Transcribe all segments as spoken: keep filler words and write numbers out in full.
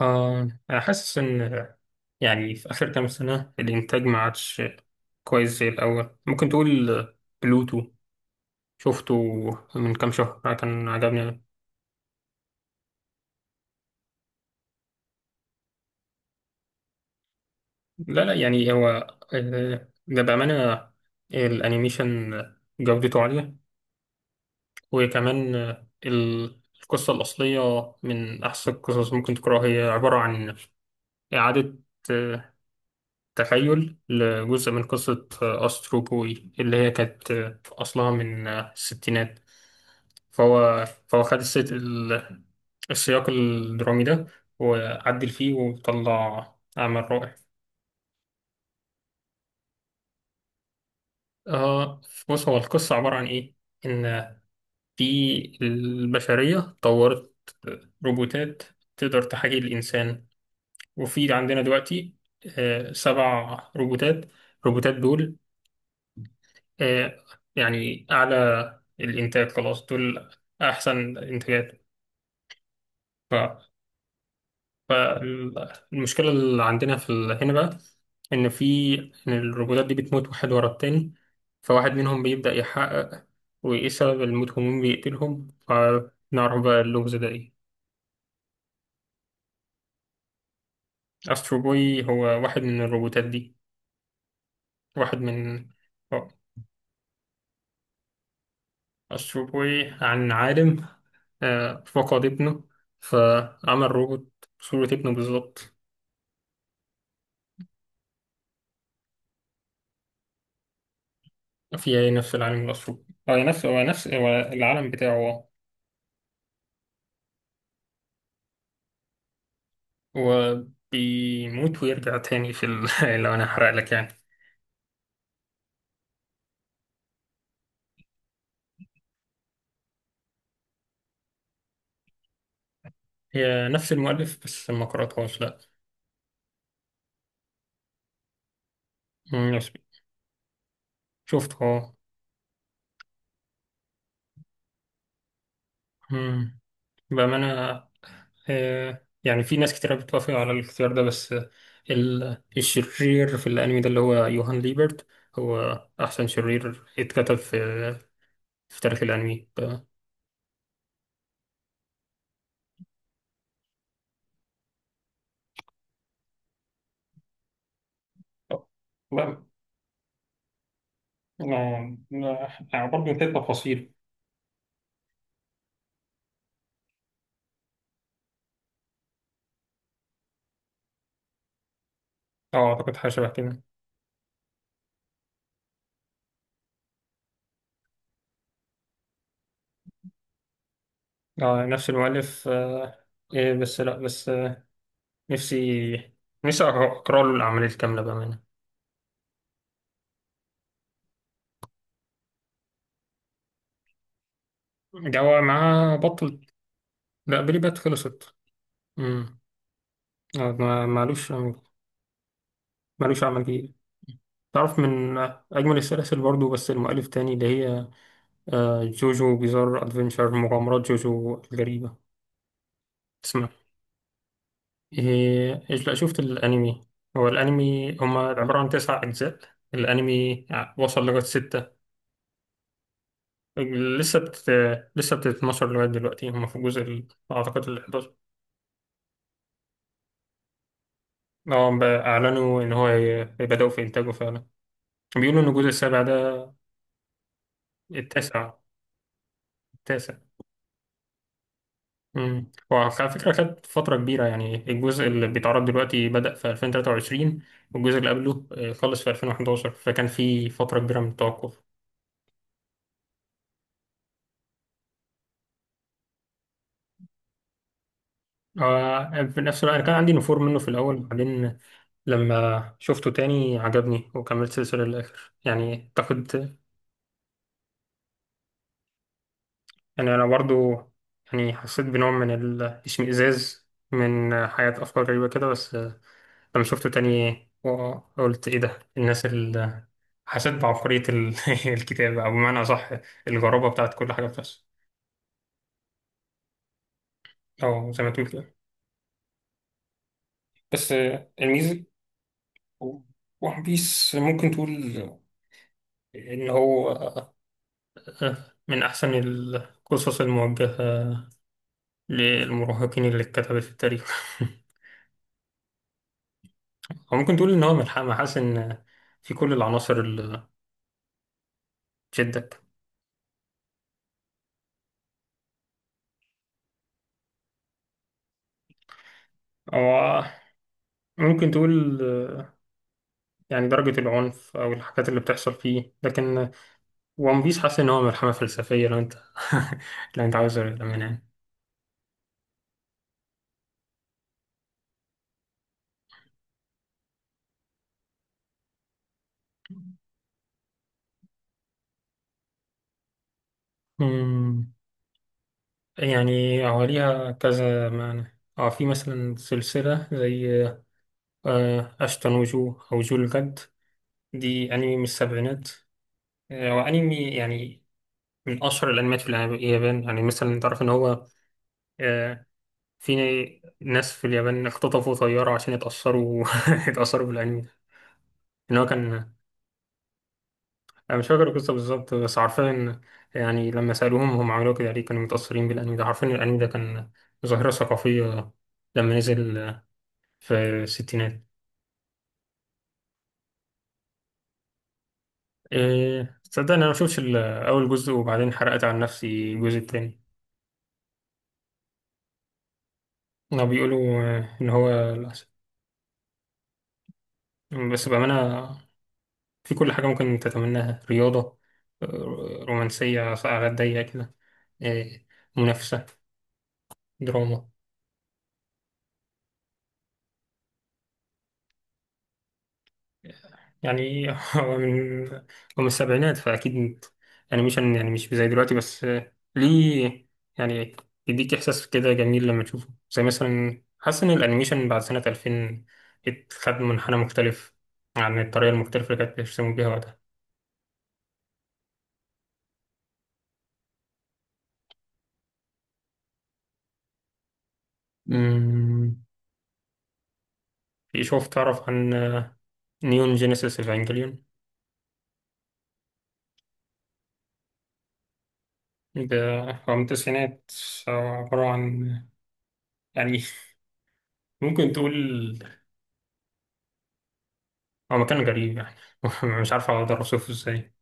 آه أنا حاسس إن يعني في آخر كام سنة الإنتاج ما عادش كويس زي الأول. ممكن تقول بلوتو، شفته من كام شهر، آه، كان عجبني. لا لا، يعني هو، آه، ده بأمانة الأنيميشن جودته عالية. وكمان، آه، ال- القصة الأصلية من أحسن القصص ممكن تقراها. هي عبارة عن إعادة، آه، تخيل لجزء من قصة أسترو بوي اللي هي كانت في أصلها من الستينات. فهو فهو خد الست... ال- السياق الدرامي ده، وعدل فيه وطلع عمل رائع. آه بص، هو القصة عبارة عن إيه؟ إن في البشرية طورت روبوتات تقدر تحاكي الإنسان. وفي عندنا دلوقتي آه سبع روبوتات. الروبوتات دول، آه، يعني أعلى الإنتاج، خلاص دول أحسن إنتاجات. ف- فالمشكلة اللي عندنا في ال- هنا بقى، إن في، إن الروبوتات دي بتموت واحد ورا التاني. فواحد منهم بيبدأ يحقق، وإيه سبب الموت ومين بيقتلهم، فنعرف بقى اللغز ده إيه. أسترو بوي هو واحد من الروبوتات دي، واحد من. آه، أسترو بوي عن عالم، آه، فقد ابنه، فعمل روبوت بصورة ابنه بالظبط. في أي نفس العالم الأسيوطي. هو نفس هو نفس هو العالم بتاعه، آه. هو بيموت ويرجع تاني في ال... لو أنا هحرق لك يعني. هي نفس المؤلف، بس ما قرأتهاش، لأ. مم، بس. شفته، أه. مم. بأمانة، آه، يعني في ناس كتير بتوافق على الاختيار ده، بس ال- الشرير في الأنمي ده، اللي هو يوهان ليبرت، هو أحسن شرير اتكتب في في تاريخ الأنمي. ف... لا لا. لا، برضه في تفاصيل. اه، اعتقد حاجة شبه كده. اه، نفس المؤلف. آه إيه، بس لا، بس. آه نفسي نفسي أقرأ أقرأ له الأعمال الكاملة بأمانة. جوا معاه بطل. لا، بلي بات خلصت. امم. آه، ما- مالوش، مالوش عمل جديد. تعرف من، آه، أجمل السلاسل برضو، بس المؤلف تاني، اللي هي آه جوجو بيزار أدفنشر، مغامرات جوجو الغريبة. تسمع إيه؟ إيش، لا، شفت الأنمي. هو الأنمي هما عبارة عن تسع أجزاء. الأنمي وصل لغاية ستة. لسه بت... لسه بتتنشر لغاية دلوقتي. هم في الجزء ال... أعتقد ال حداشر. اه، بقى أعلنوا إن هو ي- هيبدأوا في إنتاجه فعلا. بيقولوا إن الجزء السابع ده التاسع التاسع. امم، وعلى فكرة خد فترة كبيرة. يعني الجزء اللي بيتعرض دلوقتي بدأ في ألفين وتلاتة وعشرين، والجزء اللي قبله، آه، خلص في ألفين وحداشر، فكان في فترة كبيرة من التوقف. آه، في نفس الوقت أنا كان عندي نفور منه في الأول، بعدين لما شفته تاني عجبني وكملت السلسلة للآخر يعني، أعتقد. يعني أنا برضو، يعني حسيت بنوع من الاشمئزاز من حياة أفكار غريبة كده، بس لما شفته تاني قلت إيه ده الناس اللي. حسيت بعبقرية ال- الكتاب، أو بمعنى أصح، الغرابة بتاعت كل حاجة بتحصل. أو زي ما تقول كده. بس الميزة، ون بيس ممكن تقول إن هو من أحسن القصص الموجهة للمراهقين اللي اتكتبت في التاريخ. هو ممكن تقول ان هو ملح- محاس ان في كل العناصر اللي تشدك. او ممكن تقول، آه، يعني درجة العنف او الحاجات اللي بتحصل فيه، لكن ون بيس حاسس ان هو ملحمة فلسفية لو انت لو انت عاوز منها يعني. أمم، يعني هو ليها كذا معنى. اه في مثلا سلسلة زي، آه، أشتون وجو، أو جو الجد. دي أنمي من السبعينات، آه، وأنمي يعني من أشهر الأنميات في اليابان. يعني مثلا تعرف إن هو، آه، في ناس في اليابان اختطفوا طيارة عشان يتأثروا يتأثروا بالأنمي ده. إن هو كان، أنا مش فاكر القصة بالظبط، بس عارفين يعني، لما سألوهم هم عملوه كده ليه، كانوا متأثرين بالأنمي ده. عارفين الأنمي ده كان ظاهرة ثقافية لما نزل في الستينات. إيه، تصدق إن أنا مشوفش ال- أول جزء، وبعدين حرقت على نفسي الجزء التاني. هما بيقولوا، آه، إن هو الأحسن. بس بأمانة، في كل حاجة ممكن تتمناها: رياضة، آه، رومانسية، ساعات ضيقة كده، آه، منافسة، دراما. يعني هو من هو من السبعينات، فأكيد أنيميشن يعني مش زي دلوقتي، بس آه، ليه، يعني يديك إحساس كده جميل لما تشوفه. زي مثلا حاسس إن الأنيميشن بعد سنة ألفين اتخذ منحنى مختلف عن الطريقة المختلفة اللي كانت بيرسموا بيها وقتها. أمم، في، شوف، تعرف عن، آه، نيون جينيسيس إيفانجيليون؟ ده هو من التسعينات. هو عبارة عن، يعني، ممكن تقول هو مكان غريب يعني، مش عارف أقدر أوصفه إزاي.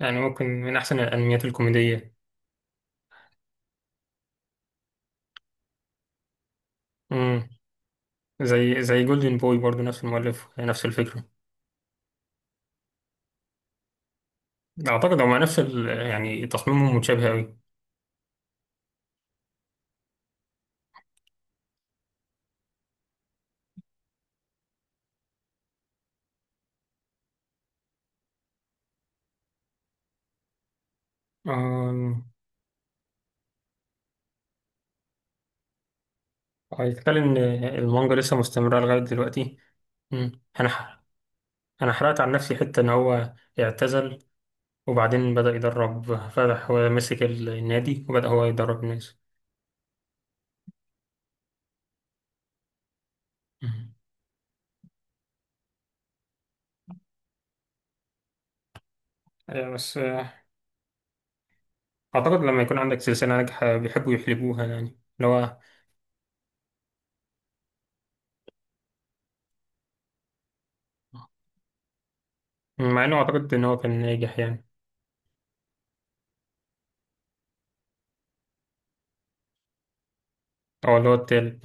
يعني ممكن من أحسن الأنميات الكوميدية. امم. زي زي جولدن بوي برضه، نفس المؤلف، نفس الفكرة. أعتقد هما نفس ال... يعني تصميمهم متشابه أوي. أمم، هيتكلم إن المانجا لسه مستمرة لغاية دلوقتي. امم. أنا ح... أنا حرقت عن نفسي حتة إن هو اعتزل، وبعدين بدأ يدرب، فتح ومسك ال- النادي وبدأ هو يدرب الناس. مم. آه، بس، آه، أعتقد لما يكون عندك سلسلة ناجحة بيحبوا يحلبوها يعني، اللي هو، مع إنه أعتقد إن هو كان ناجح يعني. أو اللي هو التالت.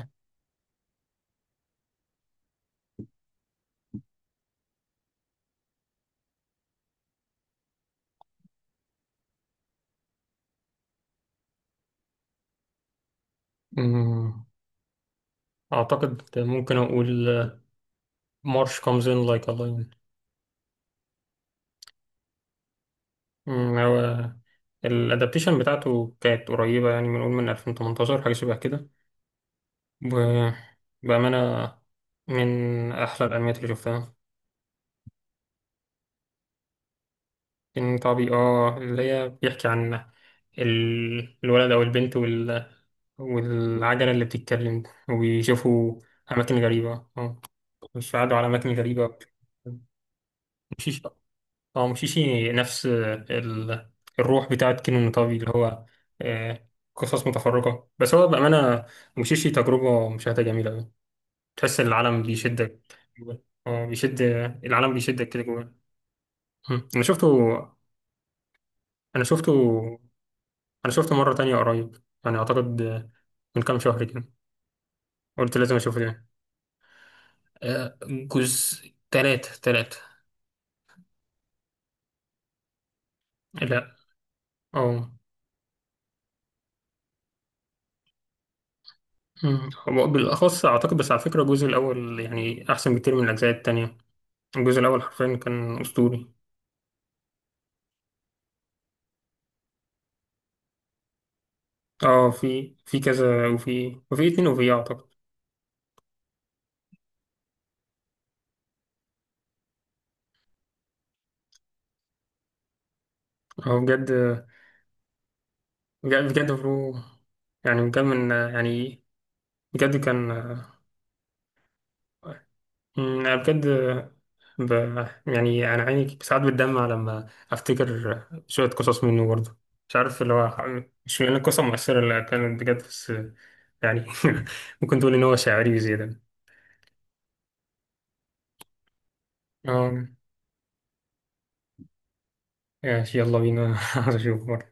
مم. أعتقد ممكن أقول، آه، مارش comes in like a lion. مم، هو الأدابتيشن بتاعته كانت قريبة يعني، بنقول من ألفين وتمنتاشر حاجة شبه كده. وبأمانة من أحلى الأنميات اللي شفتها. فيلم طبي، اه، اللي هي بيحكي عن ال- الولد أو البنت، وال... والعجلة اللي بتتكلم وبيشوفوا أماكن غريبة. اه، مش قعدوا على أماكن غريبة. مشيش، اه، مشيشي نفس ال... الروح بتاعت كينو طبي، اللي هو، آه، قصص متفرقة. بس هو بأمانة، مشيشي تجربة مشاهدة جميلة أوي، تحس العالم بيشدك جوه. اه، بيشد، العالم بيشدك كده جوه. م. أنا شفته. أنا شفته. انا شفته مره تانية قريب، يعني اعتقد، آه، من كام شهر كده، قلت لازم اشوفه تاني. آه، جزء تلاتة تلاتة. لا. اه. أمم. هو بالاخص اعتقد، بس على فكره الجزء الاول يعني احسن بكتير من الاجزاء التانية. الجزء الاول حرفيا كان اسطوري. اه، في، في كذا، وفي، وفي اتنين، وفي، اه، اعتقد. هو بجد، بجد بجد برو، يعني بجد من يعني، بجد كان. أمم، أنا بجد، ب... يعني أنا عيني ساعات بتدمع لما أفتكر شوية قصص منه برضه. مش عارف اللي هو، مش من القصة المؤثرة اللي كانت بجد، بس يعني ممكن تقول إن هو شاعري بزيادة. اه، ماشي، يلا بينا. عايز أشوفه.